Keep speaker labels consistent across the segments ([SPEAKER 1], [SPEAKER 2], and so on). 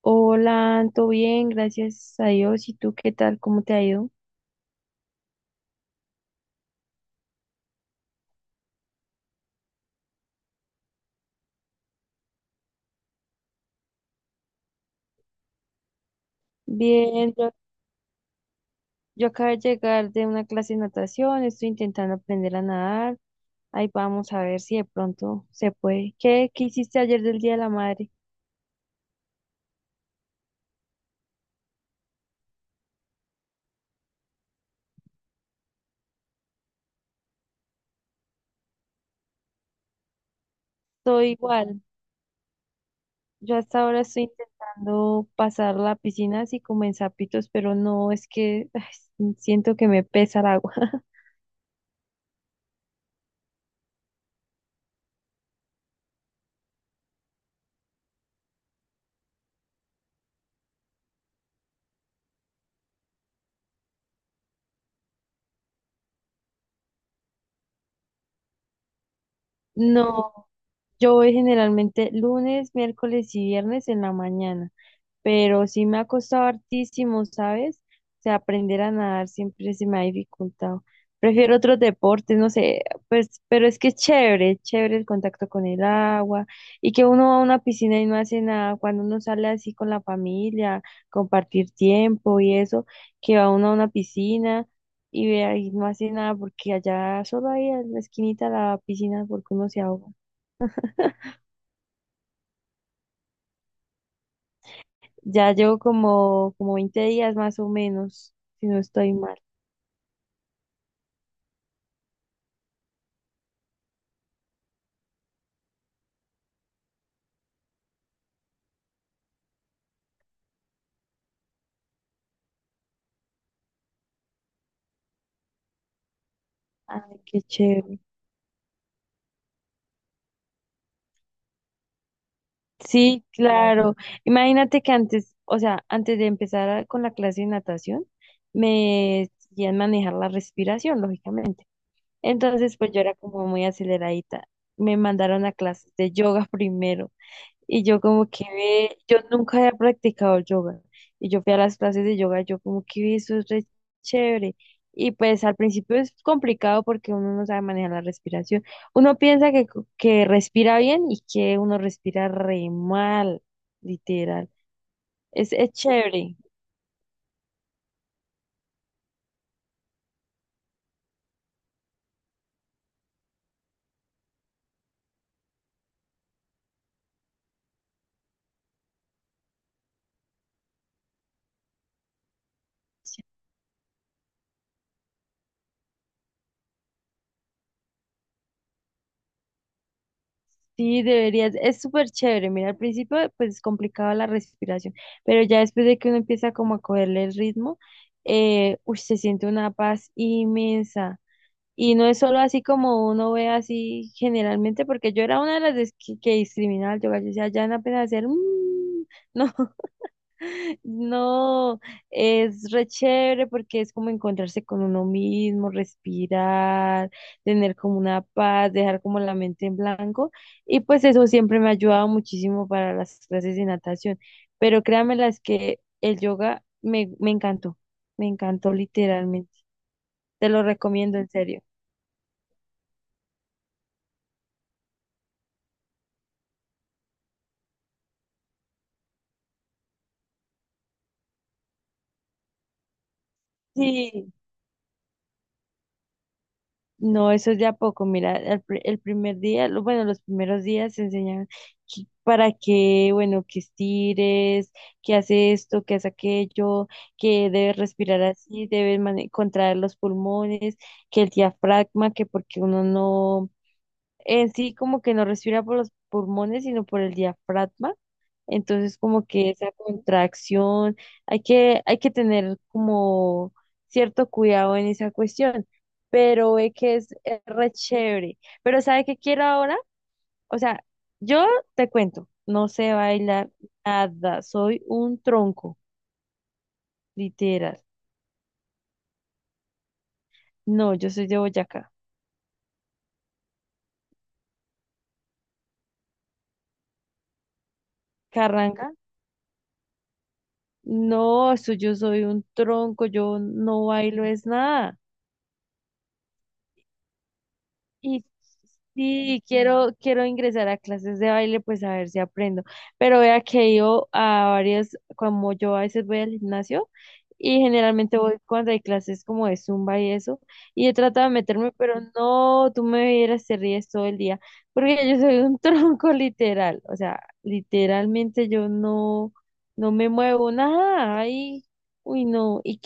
[SPEAKER 1] Hola, todo bien, gracias a Dios. ¿Y tú qué tal? ¿Cómo te ha ido? Bien, yo acabo de llegar de una clase de natación, estoy intentando aprender a nadar. Ahí vamos a ver si de pronto se puede. ¿Qué hiciste ayer del Día de la Madre? Estoy igual. Yo hasta ahora estoy intentando pasar la piscina así como en zapitos, pero no, es que ay, siento que me pesa el agua. No, yo voy generalmente lunes, miércoles y viernes en la mañana. Pero sí me ha costado hartísimo, ¿sabes? O sea, aprender a nadar siempre se me ha dificultado. Prefiero otros deportes, no sé, pues, pero es que es chévere, chévere el contacto con el agua y que uno va a una piscina y no hace nada, cuando uno sale así con la familia, compartir tiempo y eso, que va uno a una piscina y ve ahí no hace nada porque allá solo ahí en la esquinita de la piscina porque uno se ahoga. Ya llevo como 20 días más o menos, si no estoy mal. Ay, qué chévere. Sí, claro. Imagínate que antes, o sea, antes de empezar con la clase de natación, me hacían manejar la respiración, lógicamente. Entonces, pues yo era como muy aceleradita. Me mandaron a clases de yoga primero. Y yo como que ve, yo nunca había practicado yoga. Y yo fui a las clases de yoga, yo como que ve, eso es re chévere. Y pues al principio es complicado porque uno no sabe manejar la respiración. Uno piensa que respira bien y que uno respira re mal, literal. Es chévere. Sí, deberías, es súper chévere. Mira, al principio pues es complicado la respiración, pero ya después de que uno empieza como a cogerle el ritmo, uy, se siente una paz inmensa. Y no es solo así como uno ve así generalmente, porque yo era una de las que discriminaba al yoga. Yo decía, ya no apenas hacer, "Mm", no, no, es re chévere porque es como encontrarse con uno mismo, respirar, tener como una paz, dejar como la mente en blanco. Y pues eso siempre me ha ayudado muchísimo para las clases de natación. Pero créanme las que el yoga me, me encantó literalmente. Te lo recomiendo en serio. Sí. No, eso es de a poco. Mira, el primer día, bueno, los primeros días se enseñan para que, bueno, que estires, que haces esto, que haces aquello, que debes respirar así, debes contraer los pulmones, que el diafragma, que porque uno no, en sí como que no respira por los pulmones, sino por el diafragma. Entonces, como que esa contracción, hay que tener como cierto cuidado en esa cuestión, pero ve que es re chévere. Pero ¿sabe qué quiero ahora? O sea, yo te cuento, no sé bailar nada, soy un tronco, literal. No, yo soy de Boyacá. Carranga, no, eso yo soy un tronco, yo no bailo es nada. Y sí, quiero ingresar a clases de baile, pues a ver si aprendo. Pero vea que he ido a varias, como yo a veces voy al gimnasio y generalmente voy cuando hay clases como de Zumba y eso, y he tratado de meterme, pero no, tú me vieras, te ríes todo el día, porque yo soy un tronco literal, o sea, literalmente yo no, no me muevo nada, ay, uy, no, y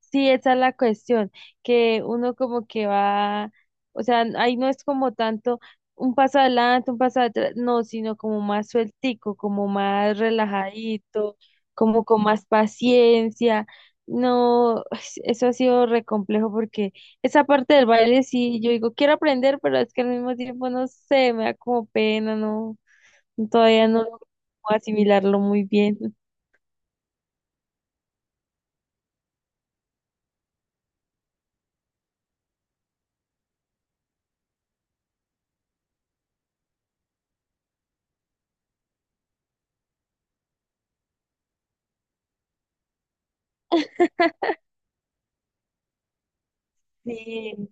[SPEAKER 1] sí, esa es la cuestión, que uno como que va, o sea, ahí no es como tanto un paso adelante, un paso atrás, no, sino como más sueltico, como más relajadito, como con más paciencia. No, eso ha sido re complejo porque esa parte del baile sí, yo digo, quiero aprender, pero es que al mismo tiempo no sé, me da como pena, no, todavía no logro asimilarlo muy bien. Sí.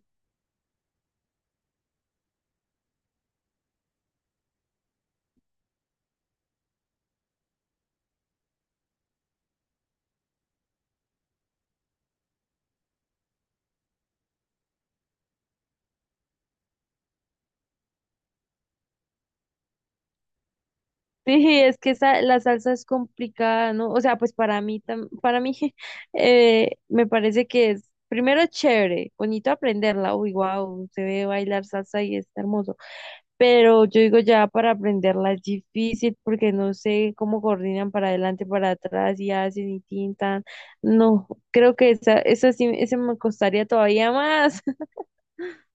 [SPEAKER 1] Sí, es que esa, la salsa es complicada, ¿no? O sea, pues para mí me parece que es, primero chévere, bonito aprenderla, uy, wow, se ve bailar salsa y está hermoso, pero yo digo ya para aprenderla es difícil porque no sé cómo coordinan para adelante, para atrás y hacen y tintan, no, creo que esa sí, ese me costaría todavía más.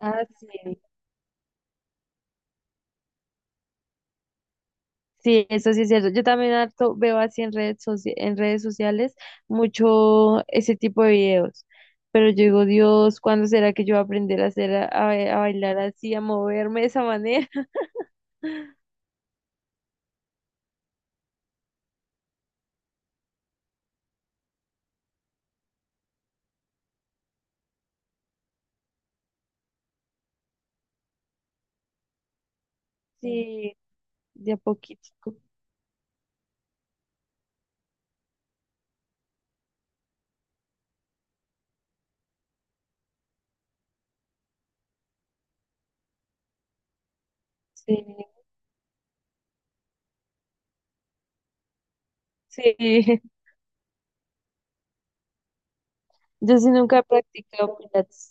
[SPEAKER 1] Ah, sí. Sí, eso sí es cierto. Yo también harto veo así en en redes sociales mucho ese tipo de videos. Pero yo digo, Dios, ¿cuándo será que yo voy a aprender a hacer, a bailar así, a moverme de esa manera? Sí, de a poquitico. Sí, sí. Yo sí nunca he practicado pilates.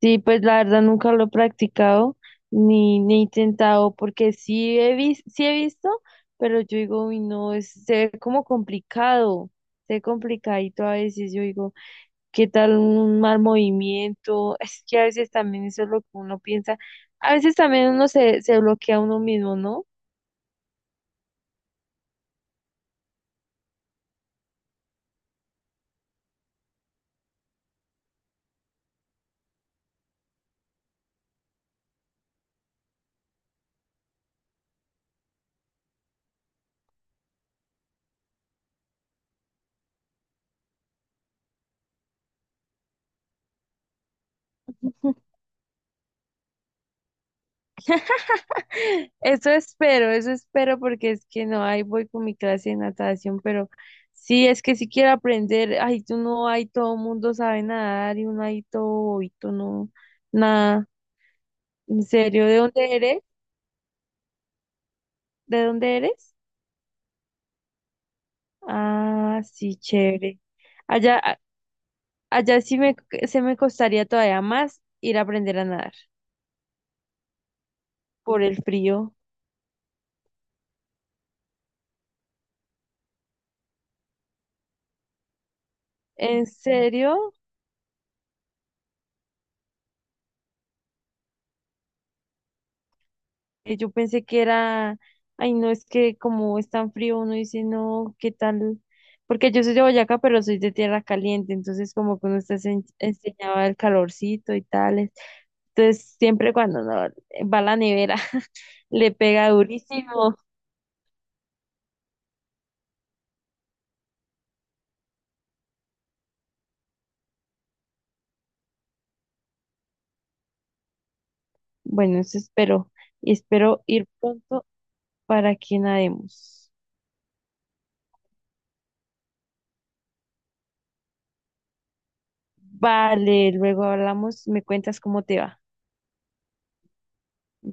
[SPEAKER 1] Sí, pues la verdad nunca lo he practicado ni he intentado, porque sí he visto, pero yo digo, uy, no, es, se ve como complicado, se ve complicadito a veces, yo digo, ¿qué tal un mal movimiento? Es que a veces también eso es lo que uno piensa, a veces también uno se bloquea a uno mismo, ¿no? Eso espero porque es que no, ahí voy con mi clase de natación, pero sí, es que si quiero aprender, ay, tú no, hay todo mundo sabe nadar y uno ahí todo, y tú no, nada, en serio, ¿de dónde eres? ¿De dónde eres? Ah, sí, chévere. Allá, a- allá sí me, se me costaría todavía más ir a aprender a nadar por el frío. ¿En serio? Yo pensé que era, ay, no, es que como es tan frío, uno dice, no, ¿qué tal? Porque yo soy de Boyacá, pero soy de tierra caliente, entonces como que uno está enseñado al calorcito y tales. Entonces siempre cuando uno va a la nevera, le pega durísimo. Bueno, eso espero, y espero ir pronto para que nademos. Vale, luego hablamos, me cuentas cómo te va.